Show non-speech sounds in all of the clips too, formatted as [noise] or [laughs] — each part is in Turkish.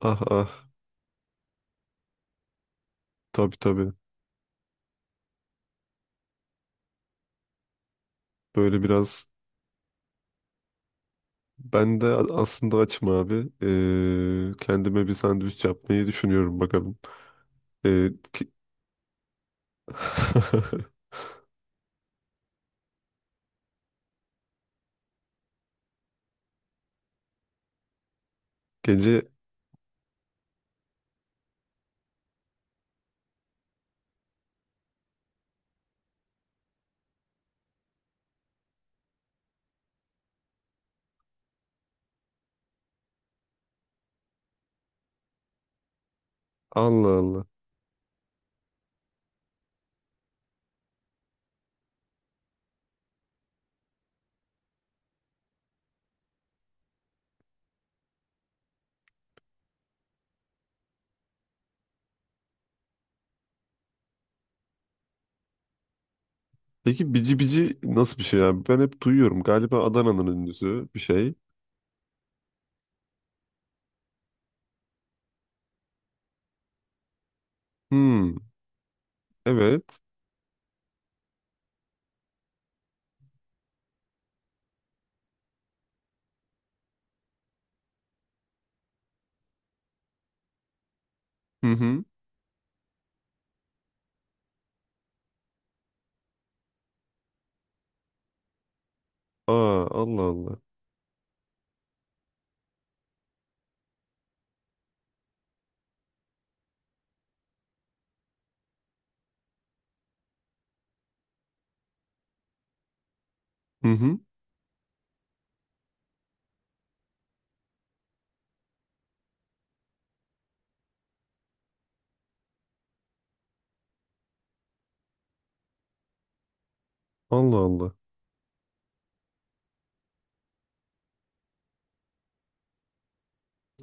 Ah ah tabii tabii böyle biraz ben de aslında açım abi. Kendime bir sandviç yapmayı düşünüyorum bakalım. Ee, ki- [laughs] Gece. Allah Allah. Peki bici bici nasıl bir şey abi? Ben hep duyuyorum. Galiba Adana'nın ünlüsü bir şey. Hmm, evet. Hı hı. Aa Allah Allah. Hı hı. Allah Allah.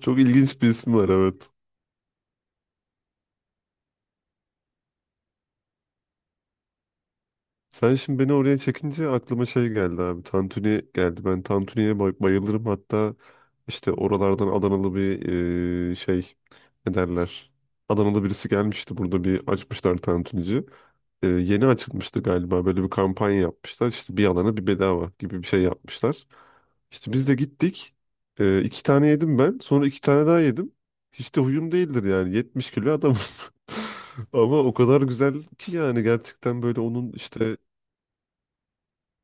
Çok ilginç bir ismi var, evet. Sen şimdi beni oraya çekince aklıma şey geldi abi. Tantuni geldi. Ben Tantuni'ye bayılırım. Hatta işte oralardan Adanalı bir şey, ne derler. Adanalı birisi gelmişti, burada bir açmışlar tantunici. Yeni açılmıştı galiba, böyle bir kampanya yapmışlar. İşte bir alana bir bedava gibi bir şey yapmışlar. İşte biz de gittik. İki tane yedim ben. Sonra iki tane daha yedim. Hiç de huyum değildir yani. 70 kilo adamım. [laughs] Ama o kadar güzel ki yani, gerçekten böyle onun işte.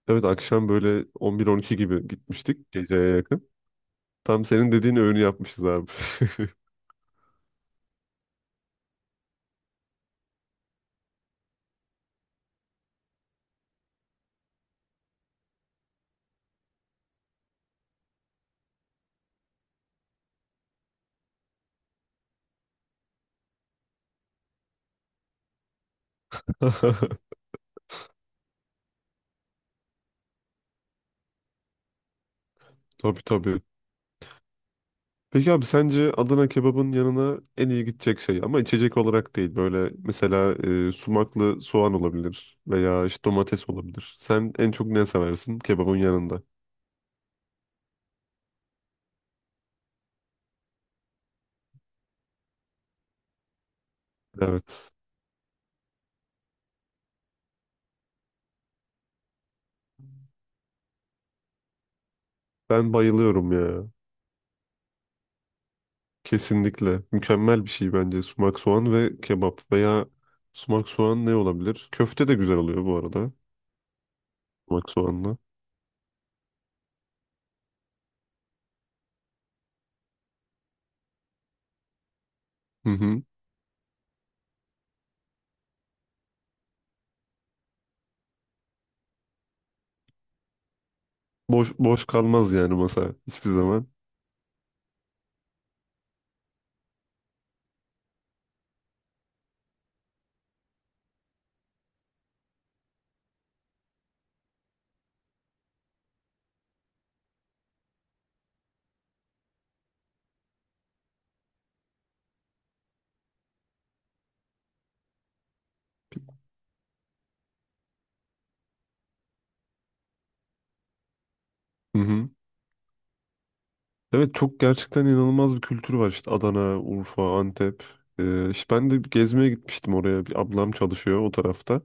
Evet, akşam böyle 11 12 gibi gitmiştik, geceye yakın. Tam senin dediğin öğünü yapmışız abi. [laughs] [laughs] Tabii tabii. Peki abi, sence Adana kebabın yanına en iyi gidecek şey, ama içecek olarak değil, böyle mesela sumaklı soğan olabilir veya işte domates olabilir. Sen en çok ne seversin kebabın yanında? Evet. Ben bayılıyorum ya. Kesinlikle. Mükemmel bir şey bence sumak soğan ve kebap veya sumak soğan. Ne olabilir? Köfte de güzel oluyor bu arada. Bak, soğanla. Hı hı. Boş boş kalmaz yani masa hiçbir zaman. Hı hı. Evet, çok gerçekten inanılmaz bir kültür var işte Adana, Urfa, Antep. İşte ben de bir gezmeye gitmiştim oraya. Bir ablam çalışıyor o tarafta.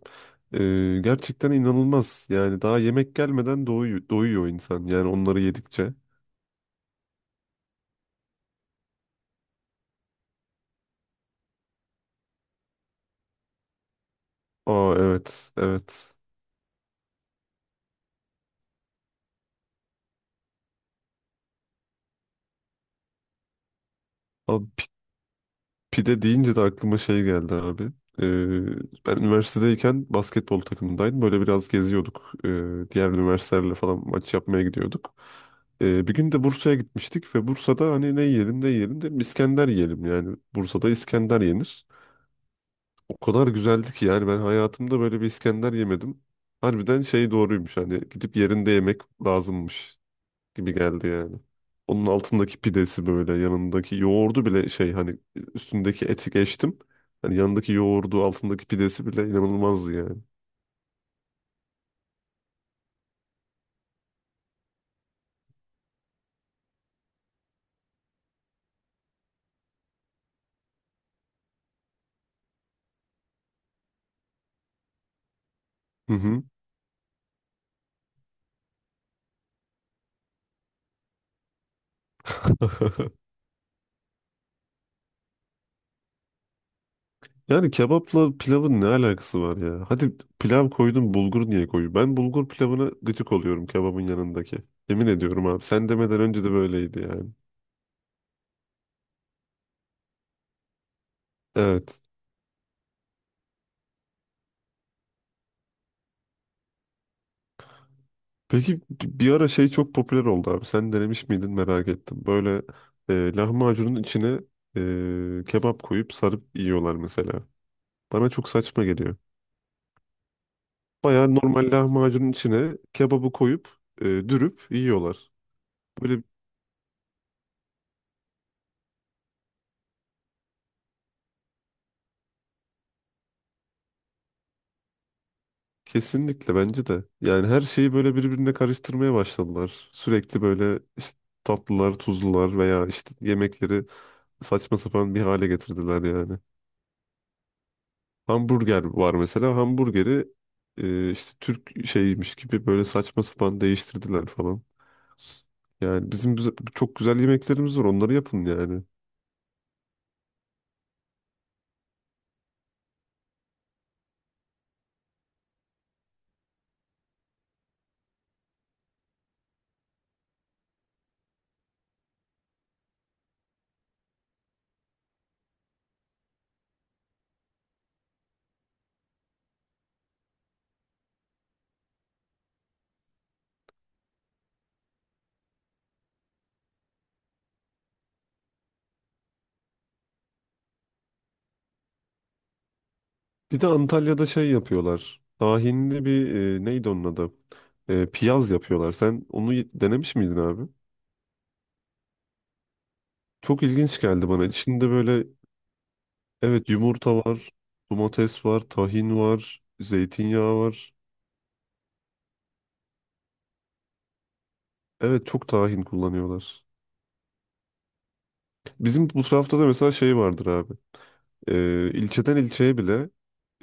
Gerçekten inanılmaz. Yani daha yemek gelmeden doyuyor, doyuyor insan. Yani onları yedikçe. Aa evet, evet. Abi, pide deyince de aklıma şey geldi abi. Ee, Ben üniversitedeyken basketbol takımındaydım. Böyle biraz geziyorduk. Diğer üniversitelerle falan maç yapmaya gidiyorduk. Bir gün de Bursa'ya gitmiştik ve Bursa'da hani ne yiyelim ne yiyelim dedim, İskender yiyelim yani. Bursa'da İskender yenir. O kadar güzeldi ki yani, ben hayatımda böyle bir İskender yemedim. Harbiden şey doğruymuş, hani gidip yerinde yemek lazımmış gibi geldi yani. Onun altındaki pidesi, böyle yanındaki yoğurdu bile şey hani, üstündeki eti geçtim. Hani yanındaki yoğurdu, altındaki pidesi bile inanılmazdı yani. Hı hı. [laughs] Yani kebapla pilavın ne alakası var ya? Hadi pilav koydun, bulgur niye koyuyor? Ben bulgur pilavına gıcık oluyorum kebabın yanındaki. Yemin ediyorum abi, sen demeden önce de böyleydi yani. Evet. Peki, bir ara şey çok popüler oldu abi. Sen denemiş miydin, merak ettim. Böyle lahmacunun içine kebap koyup sarıp yiyorlar mesela. Bana çok saçma geliyor. Baya normal lahmacunun içine kebabı koyup dürüp yiyorlar. Böyle kesinlikle bence de. Yani her şeyi böyle birbirine karıştırmaya başladılar. Sürekli böyle işte tatlılar, tuzlular veya işte yemekleri saçma sapan bir hale getirdiler yani. Hamburger var mesela. Hamburgeri işte Türk şeymiş gibi böyle saçma sapan değiştirdiler falan. Yani çok güzel yemeklerimiz var. Onları yapın yani. Bir de Antalya'da şey yapıyorlar. Tahinli bir neydi onun adı? E, piyaz yapıyorlar. Sen onu denemiş miydin abi? Çok ilginç geldi bana. İçinde böyle, evet, yumurta var, domates var, tahin var, zeytinyağı var. Evet, çok tahin kullanıyorlar. Bizim bu tarafta da mesela şey vardır abi. İlçeden ilçeye bile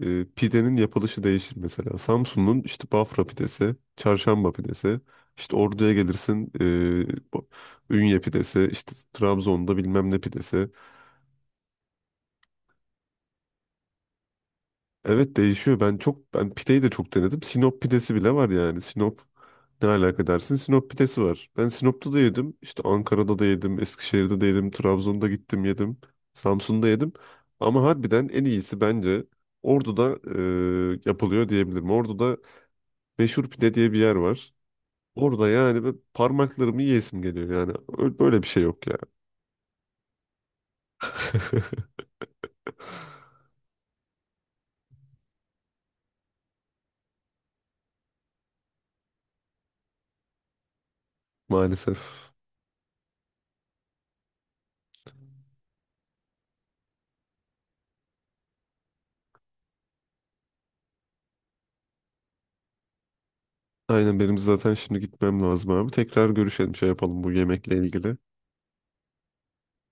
pidenin yapılışı değişir mesela. Samsun'un işte Bafra pidesi, Çarşamba pidesi, işte Ordu'ya gelirsin, Ünye pidesi, işte Trabzon'da bilmem ne pidesi. Evet, değişiyor. Ben çok, ben pideyi de çok denedim. Sinop pidesi bile var yani. Sinop ne alaka dersin? Sinop pidesi var. Ben Sinop'ta da yedim. İşte Ankara'da da yedim. Eskişehir'de de yedim. Trabzon'da gittim yedim. Samsun'da yedim. Ama harbiden en iyisi bence Ordu'da yapılıyor diyebilirim. Ordu'da meşhur pide diye bir yer var. Orada yani ben parmaklarımı yiyesim geliyor yani. Böyle bir şey yok ya. [laughs] Maalesef. Aynen, benim zaten şimdi gitmem lazım abi. Tekrar görüşelim, şey yapalım bu yemekle ilgili.